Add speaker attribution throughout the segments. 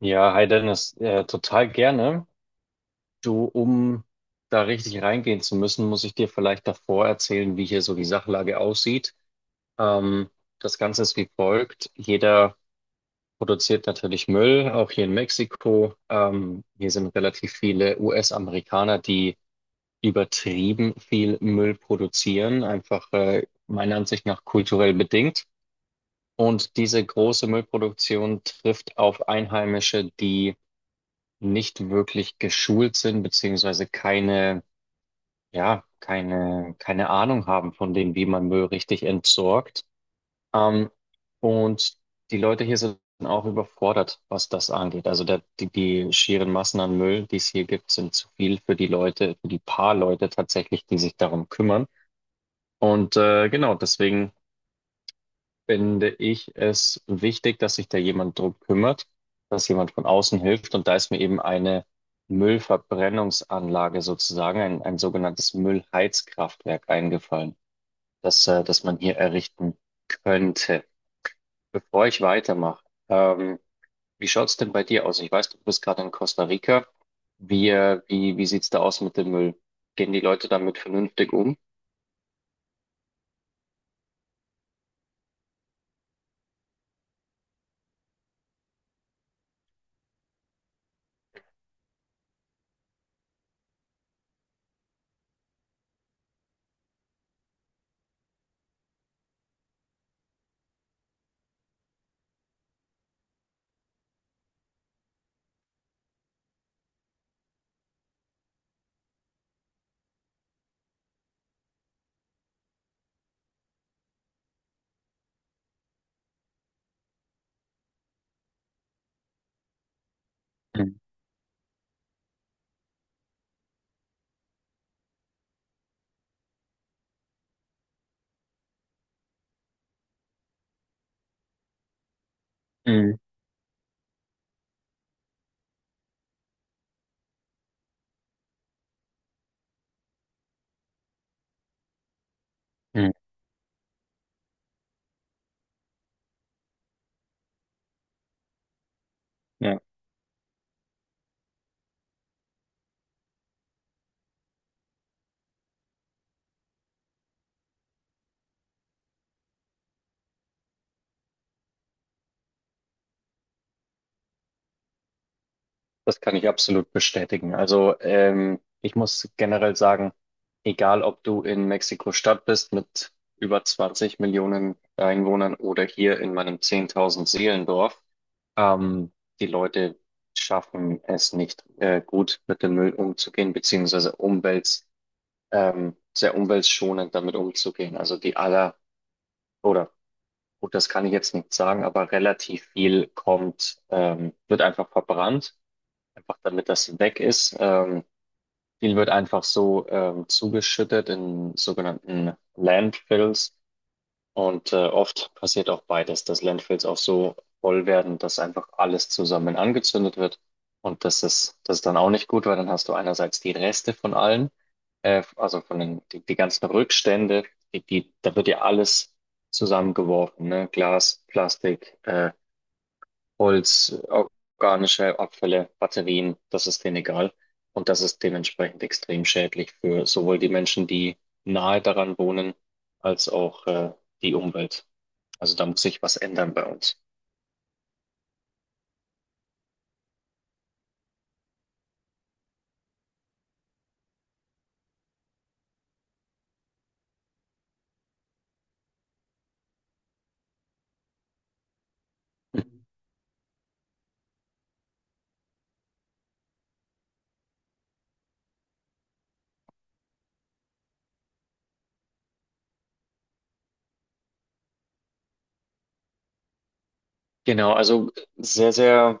Speaker 1: Ja, hi Dennis, total gerne. Du, um da richtig reingehen zu müssen, muss ich dir vielleicht davor erzählen, wie hier so die Sachlage aussieht. Ähm, Das Ganze ist wie folgt. Jeder produziert natürlich Müll, auch hier in Mexiko. Hier sind relativ viele US-Amerikaner, die übertrieben viel Müll produzieren, einfach meiner Ansicht nach kulturell bedingt. Und diese große Müllproduktion trifft auf Einheimische, die nicht wirklich geschult sind, beziehungsweise keine, ja, keine Ahnung haben von dem, wie man Müll richtig entsorgt. Ähm, und die Leute hier sind auch überfordert, was das angeht. Also die schieren Massen an Müll, die es hier gibt, sind zu viel für die Leute, für die paar Leute tatsächlich, die sich darum kümmern. Und genau, deswegen finde ich es wichtig, dass sich da jemand drum kümmert, dass jemand von außen hilft. Und da ist mir eben eine Müllverbrennungsanlage sozusagen, ein sogenanntes Müllheizkraftwerk eingefallen, das man hier errichten könnte. Bevor ich weitermache, ähm, wie schaut's denn bei dir aus? Ich weiß, du bist gerade in Costa Rica. Wie sieht's da aus mit dem Müll? Gehen die Leute damit vernünftig um? Mhm. Mhm. Mhm. Das kann ich absolut bestätigen. Also ich muss generell sagen, egal ob du in Mexiko-Stadt bist mit über 20 Millionen Einwohnern oder hier in meinem 10.000 Seelendorf, ähm, die Leute schaffen es nicht gut mit dem Müll umzugehen, beziehungsweise sehr umweltschonend damit umzugehen. Also oder gut, das kann ich jetzt nicht sagen, aber relativ viel wird einfach verbrannt, einfach damit das weg ist. Viel wird einfach so zugeschüttet in sogenannten Landfills, und oft passiert auch beides, dass Landfills auch so voll werden, dass einfach alles zusammen angezündet wird. Und das ist dann auch nicht gut, weil dann hast du einerseits die Reste von allen, also von die ganzen Rückstände, da wird ja alles zusammengeworfen, ne? Glas, Plastik, Holz, organische Abfälle, Batterien, das ist denen egal. Und das ist dementsprechend extrem schädlich für sowohl die Menschen, die nahe daran wohnen, als auch die Umwelt. Also da muss sich was ändern bei uns. Mhm. Genau, also sehr, sehr,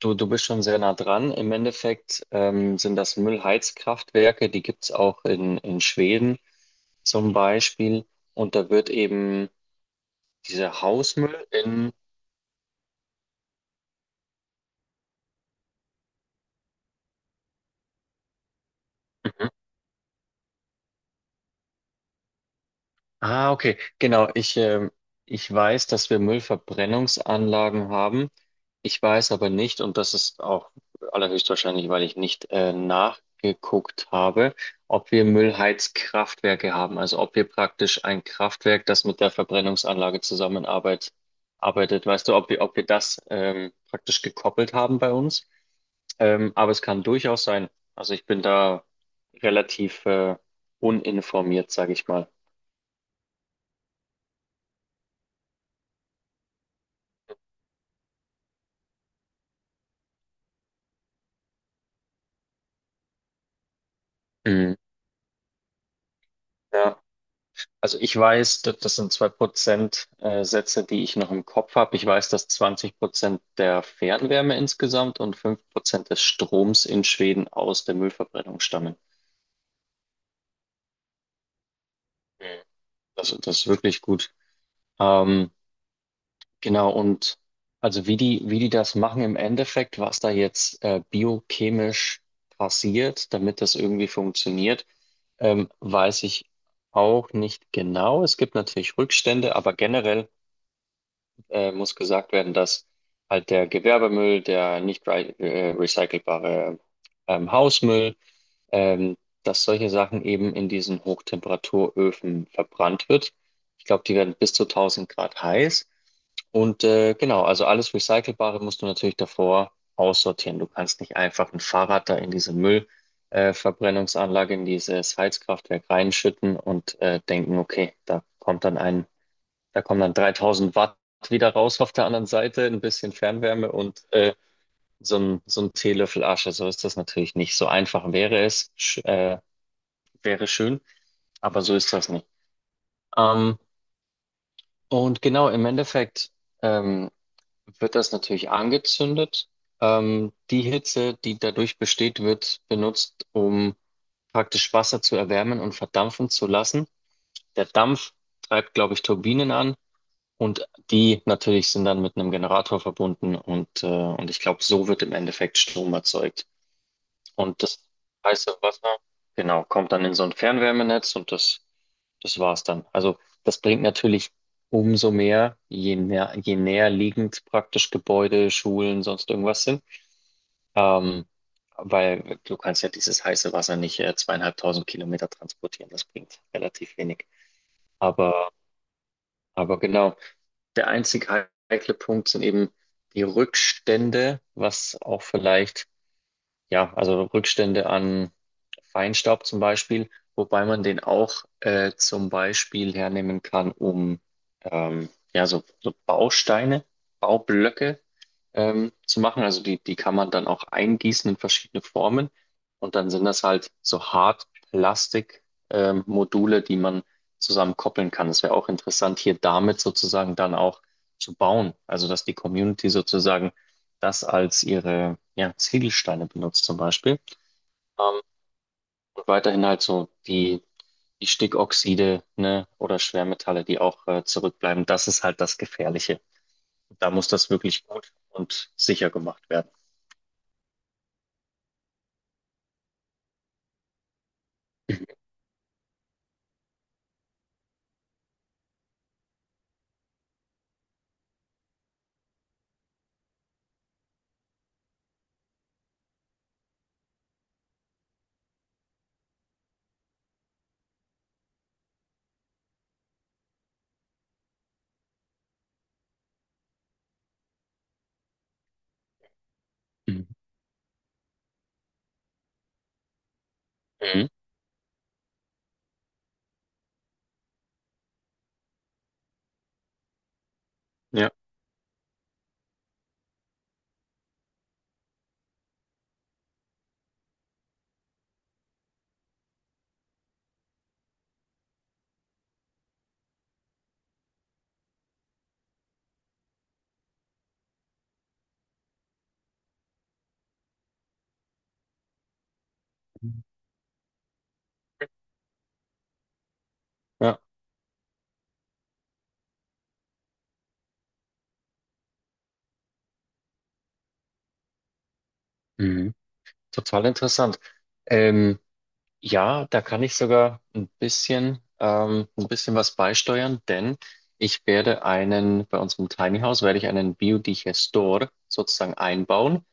Speaker 1: du bist schon sehr nah dran. Im Endeffekt sind das Müllheizkraftwerke, die gibt's auch in, Schweden zum Beispiel. Und da wird eben dieser Hausmüll in, Mhm. Ah, okay, genau. Ich weiß, dass wir Müllverbrennungsanlagen haben. Ich weiß aber nicht, und das ist auch allerhöchstwahrscheinlich, weil ich nicht nachgeguckt habe, ob wir Müllheizkraftwerke haben. Also ob wir praktisch ein Kraftwerk, das mit der Verbrennungsanlage zusammenarbeitet, arbeitet. Weißt du, ob wir das praktisch gekoppelt haben bei uns? Aber es kann durchaus sein. Also ich bin da relativ uninformiert, sage ich mal. Mhm. Ja. Also ich weiß, das sind 2% Sätze, die ich noch im Kopf habe. Ich weiß, dass 20% der Fernwärme insgesamt und 5% des Stroms in Schweden aus der Müllverbrennung stammen. Mhm. Das ist wirklich gut. Ähm, genau, und also wie die das machen im Endeffekt, was da jetzt biochemisch passiert, damit das irgendwie funktioniert, weiß ich auch nicht genau. Es gibt natürlich Rückstände, aber generell muss gesagt werden, dass halt der Gewerbemüll, der nicht recycelbare Hausmüll, ähm, dass solche Sachen eben in diesen Hochtemperaturöfen verbrannt wird. Ich glaube, die werden bis zu 1000 Grad heiß. Und genau, also alles Recycelbare musst du natürlich davor aussortieren. Du kannst nicht einfach ein Fahrrad da in diese Verbrennungsanlage, in dieses Heizkraftwerk reinschütten und denken, okay, da kommen dann 3000 Watt wieder raus auf der anderen Seite, ein bisschen Fernwärme und so ein Teelöffel Asche. So ist das natürlich nicht. So einfach wäre es, sch wäre schön, aber so ist das nicht. Ähm, und genau, im Endeffekt ähm, wird das natürlich angezündet. Die Hitze, die dadurch besteht, wird benutzt, um praktisch Wasser zu erwärmen und verdampfen zu lassen. Der Dampf treibt, glaube ich, Turbinen an. Und die natürlich sind dann mit einem Generator verbunden, und ich glaube, so wird im Endeffekt Strom erzeugt. Und das heiße Wasser, genau, kommt dann in so ein Fernwärmenetz, und das war's dann. Also das bringt natürlich umso mehr, je näher liegend praktisch Gebäude, Schulen, sonst irgendwas sind. Ähm, weil du kannst ja dieses heiße Wasser nicht 2.500 Kilometer transportieren. Das bringt relativ wenig. Aber, aber genau. Der einzige heikle Punkt sind eben die Rückstände, was auch vielleicht, ja, also Rückstände an Feinstaub zum Beispiel, wobei man den auch zum Beispiel hernehmen kann, um ja, so Bausteine, Baublöcke zu machen. Also die kann man dann auch eingießen in verschiedene Formen. Und dann sind das halt so Hartplastik, Module, die man zusammen koppeln kann. Es wäre auch interessant, hier damit sozusagen dann auch zu bauen. Also dass die Community sozusagen das als ihre, Ziegelsteine benutzt zum Beispiel. Ähm, Weiterhin halt so die Stickoxide, ne, oder Schwermetalle, die auch zurückbleiben. Das ist halt das Gefährliche. Da muss das wirklich gut und sicher gemacht werden. Mhm. Mhm. Ja, ja. Mhm. Total interessant. Ähm, ja, da kann ich sogar ein bisschen was beisteuern, denn bei uns im Tiny House werde ich einen Biodigestor sozusagen einbauen.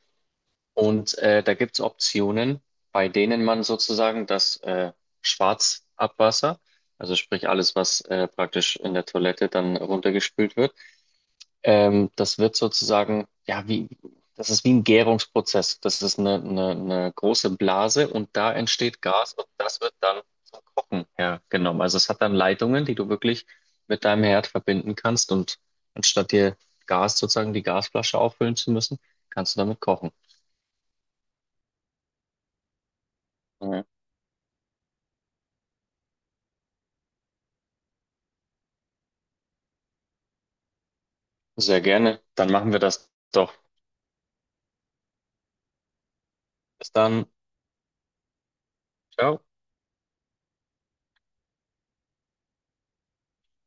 Speaker 1: Und da gibt es Optionen, bei denen man sozusagen das Schwarzabwasser, also sprich alles, was praktisch in der Toilette dann runtergespült wird, das wird sozusagen, ja, das ist wie ein Gärungsprozess. Das ist eine große Blase und da entsteht Gas und das wird dann zum Kochen hergenommen. Also es hat dann Leitungen, die du wirklich mit deinem Herd verbinden kannst, und anstatt dir Gas sozusagen die Gasflasche auffüllen zu müssen, kannst du damit kochen. Ja. Sehr gerne. Dann machen wir das doch. Bis dann. Ciao.